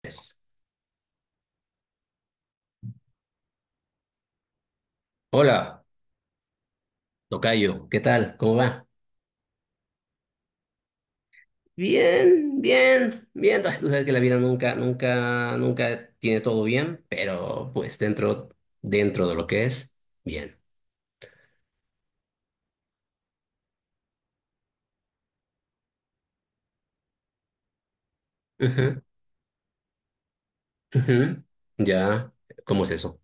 Pues. Hola, tocayo, ¿qué tal? ¿Cómo va? Bien, bien, bien. Ay, tú sabes que la vida nunca, nunca, nunca tiene todo bien, pero pues dentro de lo que es, bien. Ujú, ujú. Ya, ¿cómo es eso?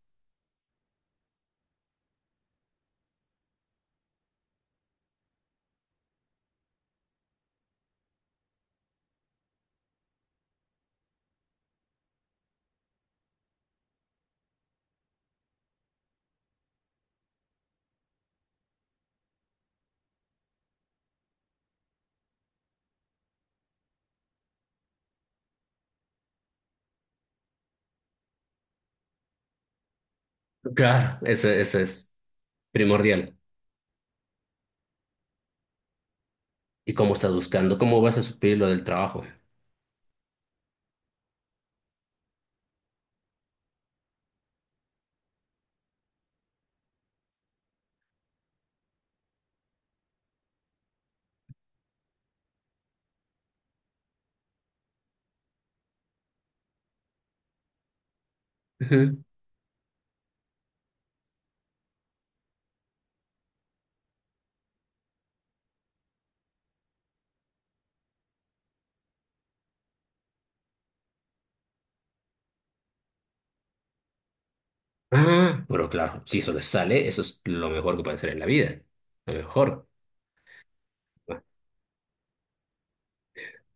Claro, eso es primordial. ¿Y cómo estás buscando? ¿Cómo vas a suplir lo del trabajo? Ujú. Ah, pero claro, si eso les sale, eso es lo mejor que puede hacer en la vida. Lo mejor.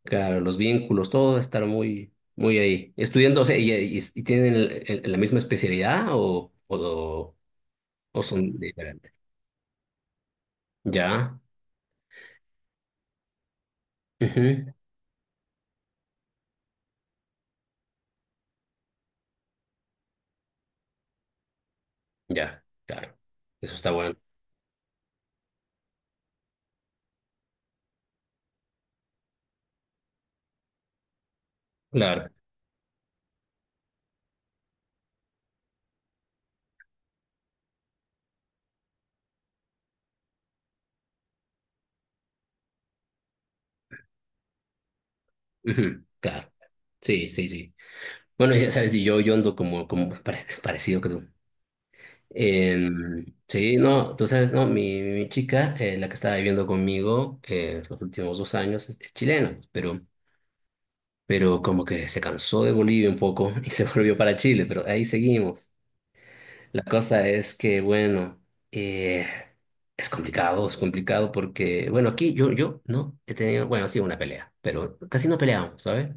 Claro, los vínculos, todo estar muy, muy ahí. Estudiando, o sea, y tienen la misma especialidad o son diferentes. Ya, ujú, ya, claro. Eso está bueno. Claro, ujú, claro. Sí, sí, sí. Bueno, ya sabes, y yo ando como parecido que tú. Sí, no, tú sabes, no, mi chica, la que estaba viviendo conmigo los últimos 2 años, es chilena, pero como que se cansó de Bolivia un poco y se volvió para Chile, pero ahí seguimos. La cosa es que, bueno, eh, es complicado porque, bueno, aquí yo no he tenido, bueno, sí, una pelea, pero casi no peleamos, ¿sabes?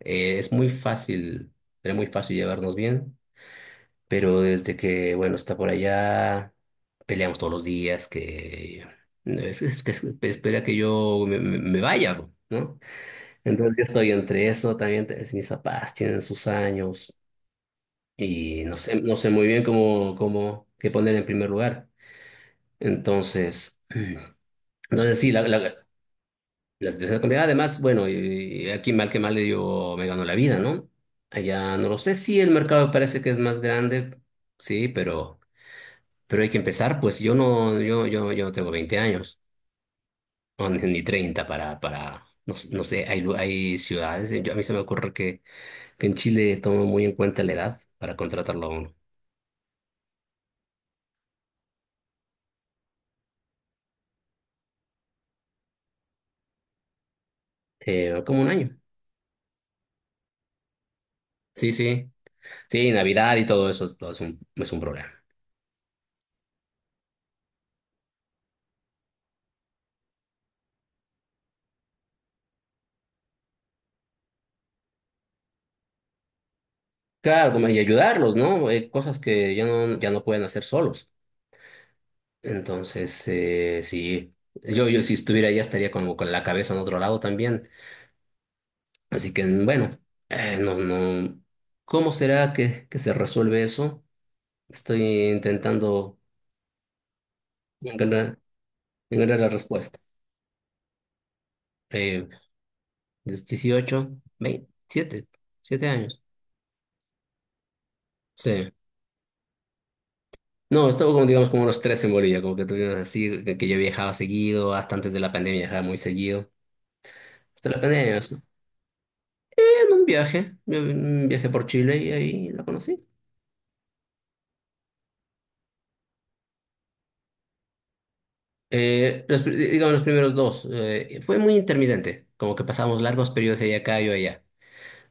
Es muy fácil, era muy fácil llevarnos bien, pero desde que, bueno, está por allá, peleamos todos los días, que es- que es- espera que yo me vaya, ¿no? Entonces yo estoy entre eso, también mis papás tienen sus años y no sé muy bien qué poner en primer lugar. Entonces, entonces sí, la situación es complicada. Además, bueno, y aquí mal que mal le digo, me ganó la vida, ¿no? Allá no lo sé, sí, el mercado parece que es más grande, sí, pero hay que empezar, pues yo no tengo 20 años, o ni 30 para, no, no sé, hay ciudades, a mí se me ocurre que en Chile toman muy en cuenta la edad para contratarlo a uno. Como un año. Sí, sí. Sí, Navidad y todo eso es un problema. Claro, como, y ayudarlos, ¿no? Cosas que ya no pueden hacer solos. Entonces, sí, yo si estuviera allá estaría como con la cabeza en otro lado también. Así que, bueno, no, no. ¿Cómo será que se resuelve eso? Estoy intentando encontrar, encontrar la respuesta. Eh, los 18, 27, 7 años. Sí. No, estuve como, digamos, como unos tres en Bolivia, como que tuvimos así, que yo viajaba seguido, hasta antes de la pandemia viajaba muy seguido. Hasta la pandemia, o en un viaje, yo un viaje por Chile y ahí la conocí. Digamos, los primeros dos, fue muy intermitente, como que pasábamos largos periodos allá acá, yo allá.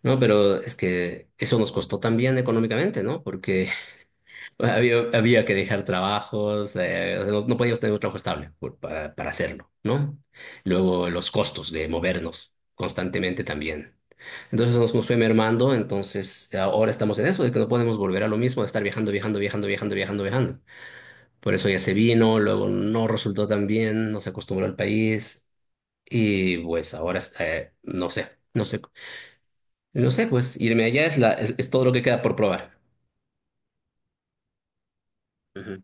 No, pero es que eso nos costó también económicamente, ¿no? Porque había que dejar trabajos, o sea, no podíamos tener un trabajo estable para hacerlo, ¿no? Luego los costos de movernos constantemente también. Entonces nos fue mermando, entonces ahora estamos en eso, de que no podemos volver a lo mismo, de estar viajando, viajando, viajando, viajando, viajando, viajando. Por eso ya se vino, luego no resultó tan bien, no se acostumbró al país y pues ahora no sé, pues irme allá es todo lo que queda por probar. Ujú.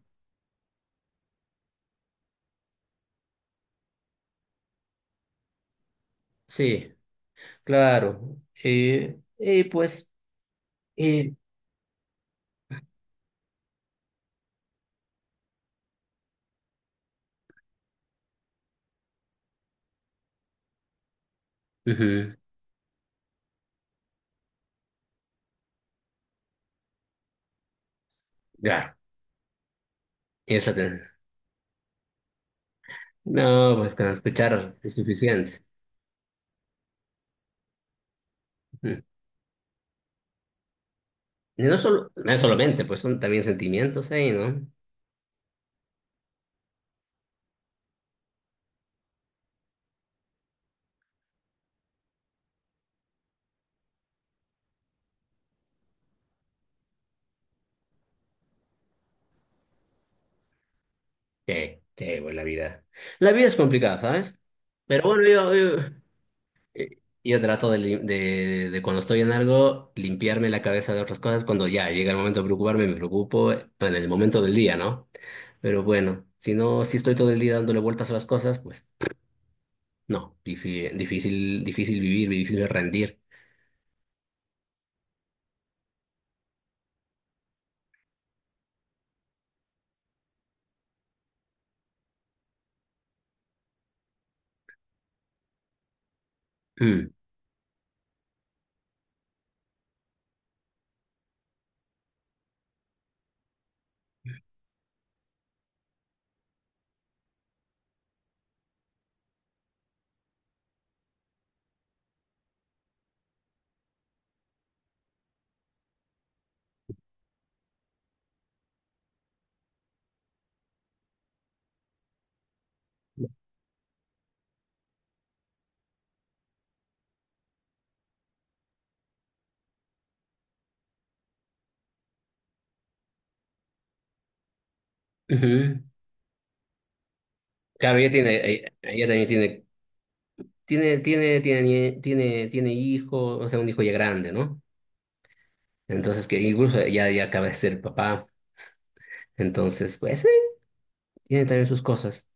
Sí. Claro, y pues, eh, ujú, claro, eso te- no, pues con escuchar es suficiente. Ujú. Y no solo, no es solamente, pues son también sentimientos ahí, ¿no? Sí, sí, pues la vida. La vida es complicada, ¿sabes? Pero bueno, eh, yo trato de cuando estoy en algo, limpiarme la cabeza de otras cosas. Cuando ya llega el momento de preocuparme, me preocupo en el momento del día, ¿no? Pero bueno, si no, si estoy todo el día dándole vueltas a las cosas, pues. No, difícil, difícil vivir, difícil rendir. Mm, ujú. Claro, ella también tiene hijo, o sea, un hijo ya grande, ¿no? Entonces, que incluso ya acaba de ser papá. Entonces, pues sí, tiene también sus cosas.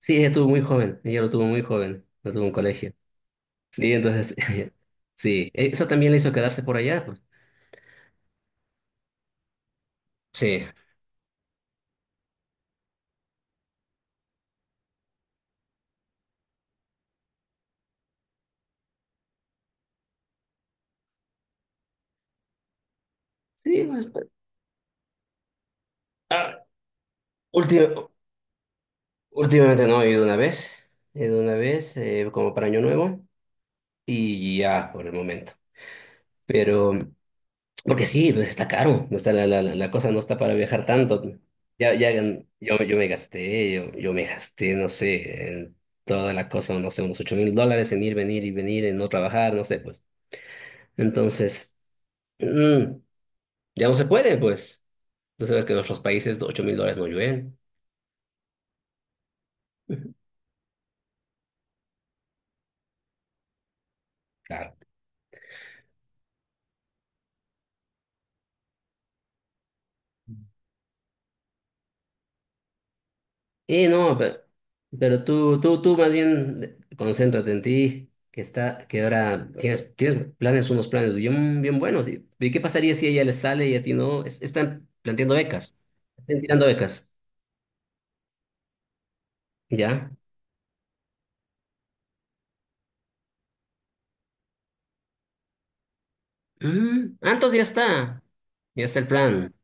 Sí, ella tuvo muy joven, ella lo tuvo muy joven, lo tuvo en colegio. Sí, entonces, sí, eso también le hizo quedarse por allá, pues. Sí. Sí, ah, última- Últimamente no, he ido una vez como para Año Nuevo y ya por el momento. Pero, porque sí, pues está caro, no está la cosa no está para viajar tanto. Ya, ya, yo me gasté, yo me gasté, no sé, en toda la cosa, no sé, unos $8.000 en ir, venir y venir, en no trabajar, no sé, pues. Entonces, mm, ya no se puede, pues. Tú sabes que en nuestros países $8.000 no llueven. Claro. Y no, pero tú más bien concéntrate en ti, que ahora tienes planes, unos planes bien, bien buenos. ¿Y qué pasaría si a ella les sale y a ti no? Están planteando becas, están tirando becas, ¿ya? Ah, entonces ya está el plan.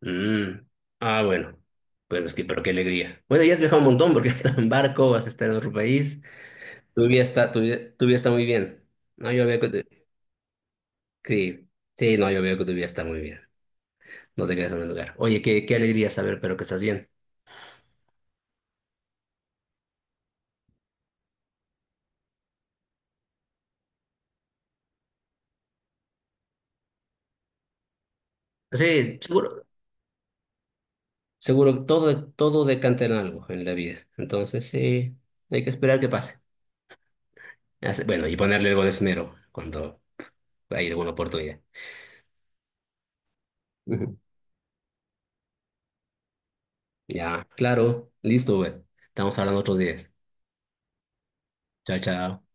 Mm, ah, bueno, es que, pero qué alegría. Bueno, ya has viajado un montón porque vas a estar en barco, vas a estar en otro país. Tu vida está muy bien. No, yo veo que tu- sí, sí, no, yo veo que tu vida está muy bien. No te quedas en el lugar. Oye, qué alegría saber, pero que estás bien. Sí, seguro, seguro todo decanta en algo en la vida. Entonces, sí, hay que esperar que pase. Bueno, y ponerle algo de esmero cuando hay alguna oportunidad. Ujú. Ya, claro, listo, güey. Estamos hablando otros días. Chao, chao.